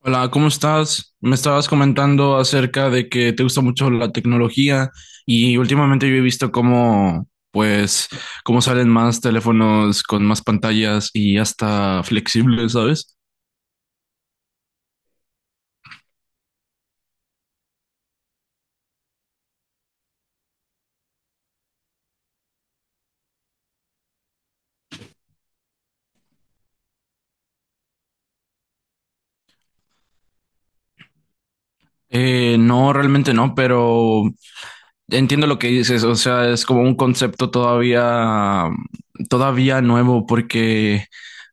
Hola, ¿cómo estás? Me estabas comentando acerca de que te gusta mucho la tecnología y últimamente yo he visto cómo, pues, cómo salen más teléfonos con más pantallas y hasta flexibles, ¿sabes? No, realmente no, pero entiendo lo que dices, o sea, es como un concepto todavía, todavía nuevo, porque,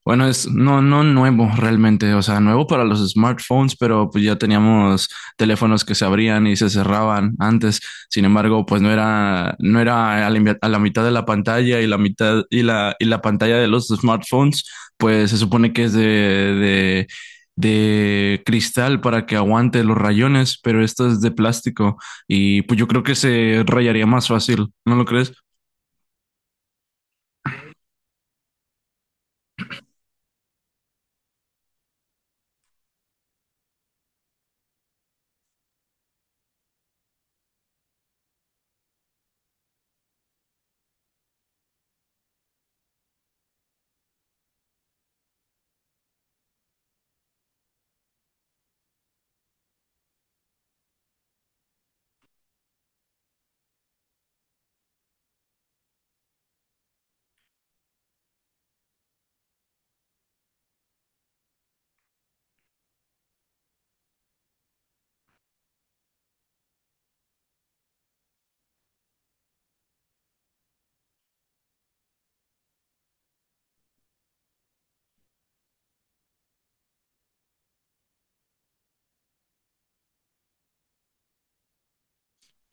bueno, es no, no nuevo realmente, o sea, nuevo para los smartphones, pero pues ya teníamos teléfonos que se abrían y se cerraban antes. Sin embargo, pues no era a la, a la mitad de la pantalla y la mitad y la pantalla de los smartphones, pues se supone que es de cristal para que aguante los rayones, pero esto es de plástico. Y pues yo creo que se rayaría más fácil, ¿no lo crees?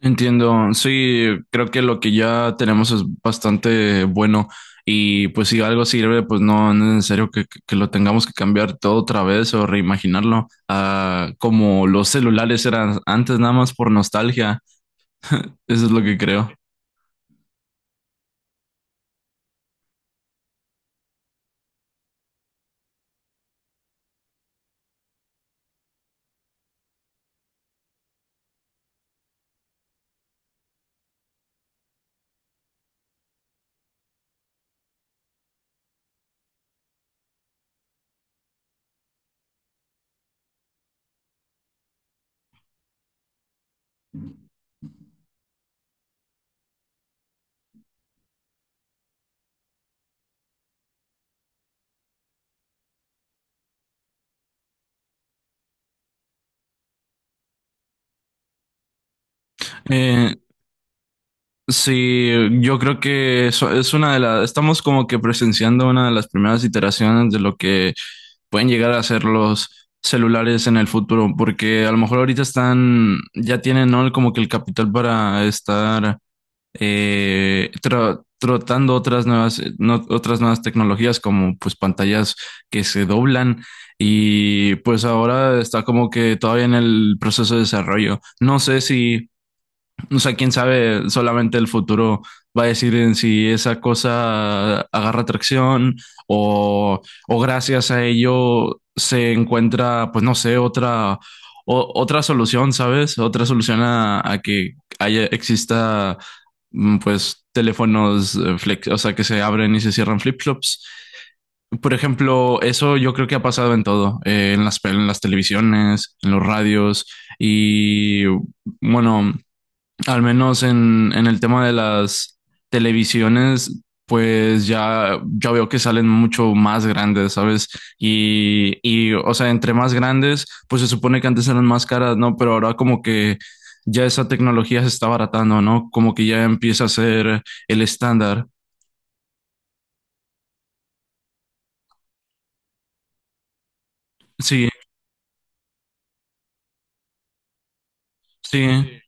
Entiendo, sí, creo que lo que ya tenemos es bastante bueno y pues si algo sirve, pues no, no es necesario que lo tengamos que cambiar todo otra vez o reimaginarlo, ah, como los celulares eran antes nada más por nostalgia, eso es lo que creo. Eh, Sí, yo creo que eso es una de las, estamos como que presenciando una de las primeras iteraciones de lo que pueden llegar a ser los celulares en el futuro, porque a lo mejor ahorita están, ya tienen, ¿no? Como que el capital para estar tratando otras nuevas, otras nuevas tecnologías como pues pantallas que se doblan y pues ahora está como que todavía en el proceso de desarrollo. No sé si, o sea, quién sabe, solamente el futuro va a decir en si esa cosa agarra atracción o, o gracias a ello se encuentra, pues no sé, otra, otra solución, ¿sabes? Otra solución a que haya, exista, pues, teléfonos flex, o sea, que se abren y se cierran flip-flops. Por ejemplo, eso yo creo que ha pasado en todo, en las, en las televisiones, en los radios y bueno, al menos en el tema de las televisiones, pues ya, ya veo que salen mucho más grandes, ¿sabes? Y, o sea, entre más grandes, pues se supone que antes eran más caras, ¿no? Pero ahora como que ya esa tecnología se está abaratando, ¿no? Como que ya empieza a ser el estándar. Sí, sí.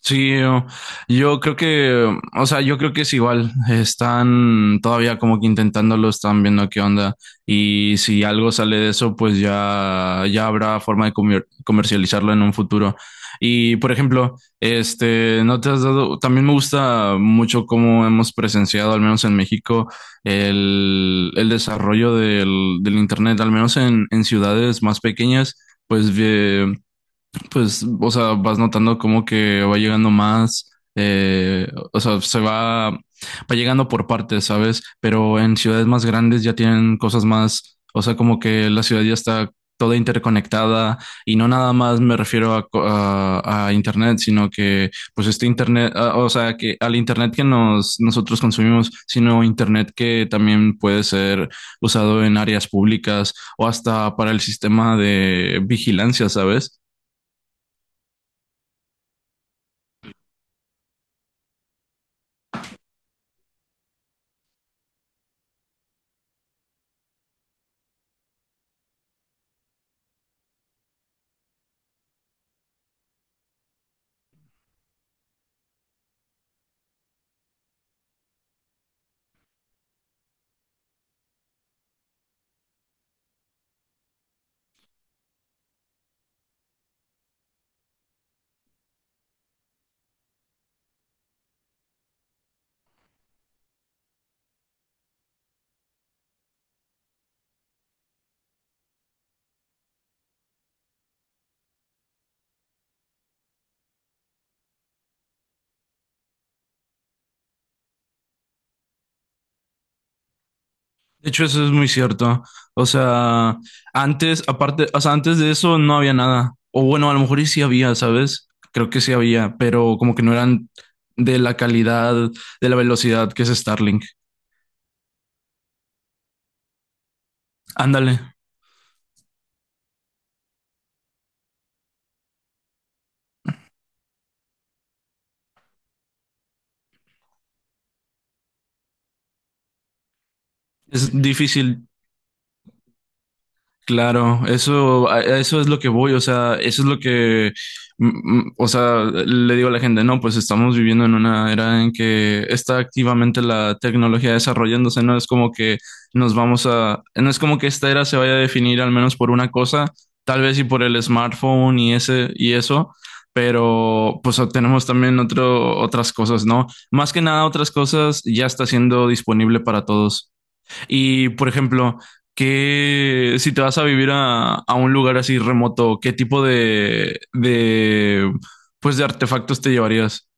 Sí, yo creo que, o sea, yo creo que es igual. Están todavía como que intentándolo, están viendo qué onda. Y si algo sale de eso, pues ya, ya habrá forma de comercializarlo en un futuro. Y por ejemplo, este, no te has dado, también me gusta mucho cómo hemos presenciado, al menos en México, el desarrollo del Internet, al menos en ciudades más pequeñas, pues pues, o sea, vas notando como que va llegando más, o sea, se va, va llegando por partes, ¿sabes? Pero en ciudades más grandes ya tienen cosas más, o sea, como que la ciudad ya está toda interconectada y no nada más me refiero a, a internet, sino que pues este internet, o sea, que al internet que nos, nosotros consumimos, sino internet que también puede ser usado en áreas públicas o hasta para el sistema de vigilancia, ¿sabes? De hecho, eso es muy cierto. O sea, antes, aparte, o sea, antes de eso no había nada. O bueno, a lo mejor y sí había, ¿sabes? Creo que sí había, pero como que no eran de la calidad, de la velocidad que es Starlink. Ándale, es difícil. Claro, eso, a eso es lo que voy, o sea, eso es lo que, o sea, le digo a la gente, no, pues estamos viviendo en una era en que está activamente la tecnología desarrollándose, no es como que nos vamos a, no es como que esta era se vaya a definir al menos por una cosa, tal vez y por el smartphone y ese y eso, pero pues tenemos también otro, otras cosas, ¿no? Más que nada otras cosas ya está siendo disponible para todos. Y, por ejemplo, que si te vas a vivir a un lugar así remoto, ¿qué tipo de, pues de artefactos te llevarías?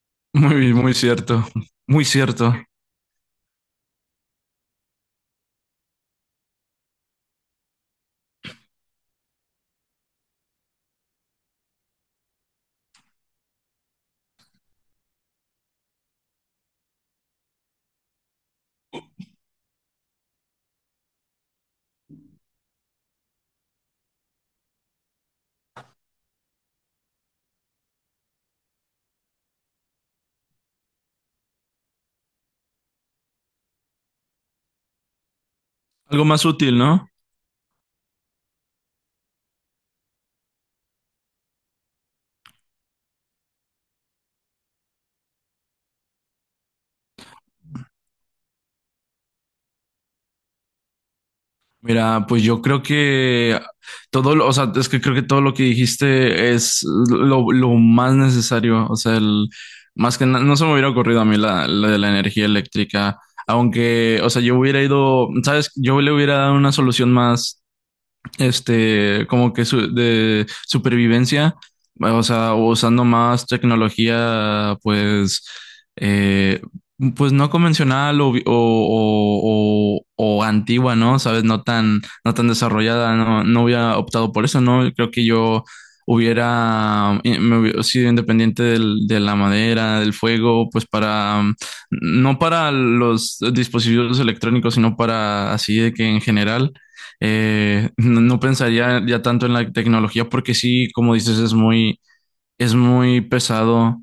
Muy, muy cierto, muy cierto. Algo más útil, ¿no? Mira, pues yo creo que todo, o sea, es que creo que todo lo que dijiste es lo más necesario. O sea, el, más que no se me hubiera ocurrido a mí la, la de la energía eléctrica, aunque, o sea, yo hubiera ido, sabes, yo le hubiera dado una solución más este, como que de supervivencia, o sea, usando más tecnología, pues, eh, pues no convencional o, o antigua, ¿no? ¿Sabes? No tan, no tan desarrollada, no, no hubiera optado por eso, ¿no? Creo que yo hubiera, me hubiera sido independiente de la madera, del fuego, pues para, no para los dispositivos electrónicos, sino para así de que en general no, no pensaría ya tanto en la tecnología porque sí, como dices, es muy pesado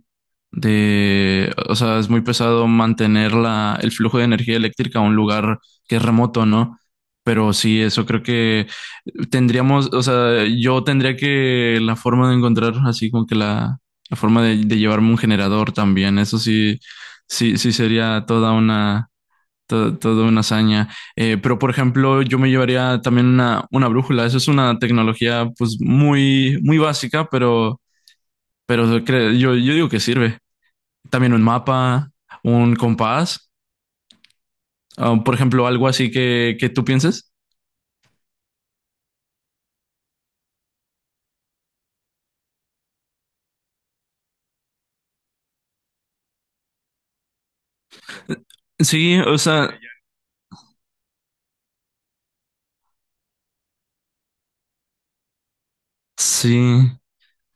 de, o sea, es muy pesado mantener la, el flujo de energía eléctrica a un lugar que es remoto, ¿no? Pero sí, eso creo que tendríamos, o sea, yo tendría que la forma de encontrar así como que la forma de llevarme un generador también, eso sí, sí, sí sería toda una todo, todo una hazaña. Pero, por ejemplo, yo me llevaría también una brújula. Eso es una tecnología, pues, muy, muy básica, pero, yo, yo digo que sirve. También un mapa, un compás, ah, por ejemplo, algo así que tú pienses. Sí, o sea, sí.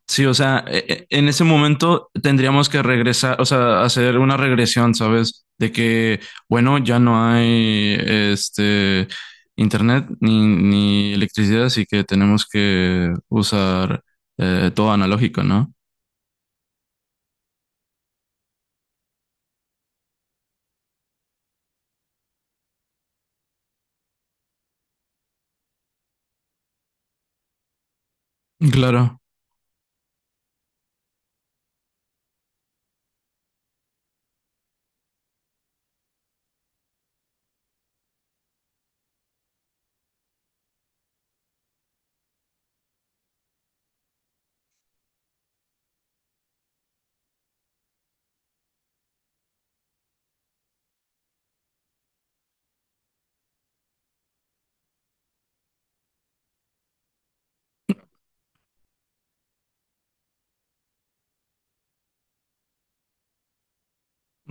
Sí, o sea, en ese momento tendríamos que regresar, o sea, hacer una regresión, ¿sabes? De que, bueno, ya no hay este internet ni, ni electricidad, así que tenemos que usar todo analógico, ¿no? Claro,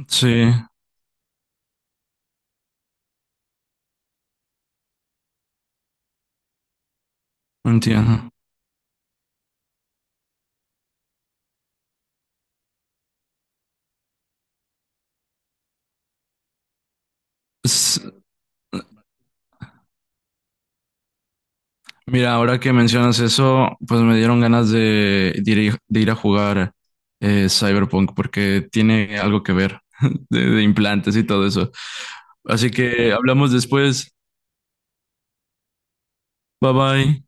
sí, entiendo. Mira, ahora que mencionas eso, pues me dieron ganas de ir a jugar Cyberpunk porque tiene algo que ver de implantes y todo eso. Así que hablamos después. Bye bye.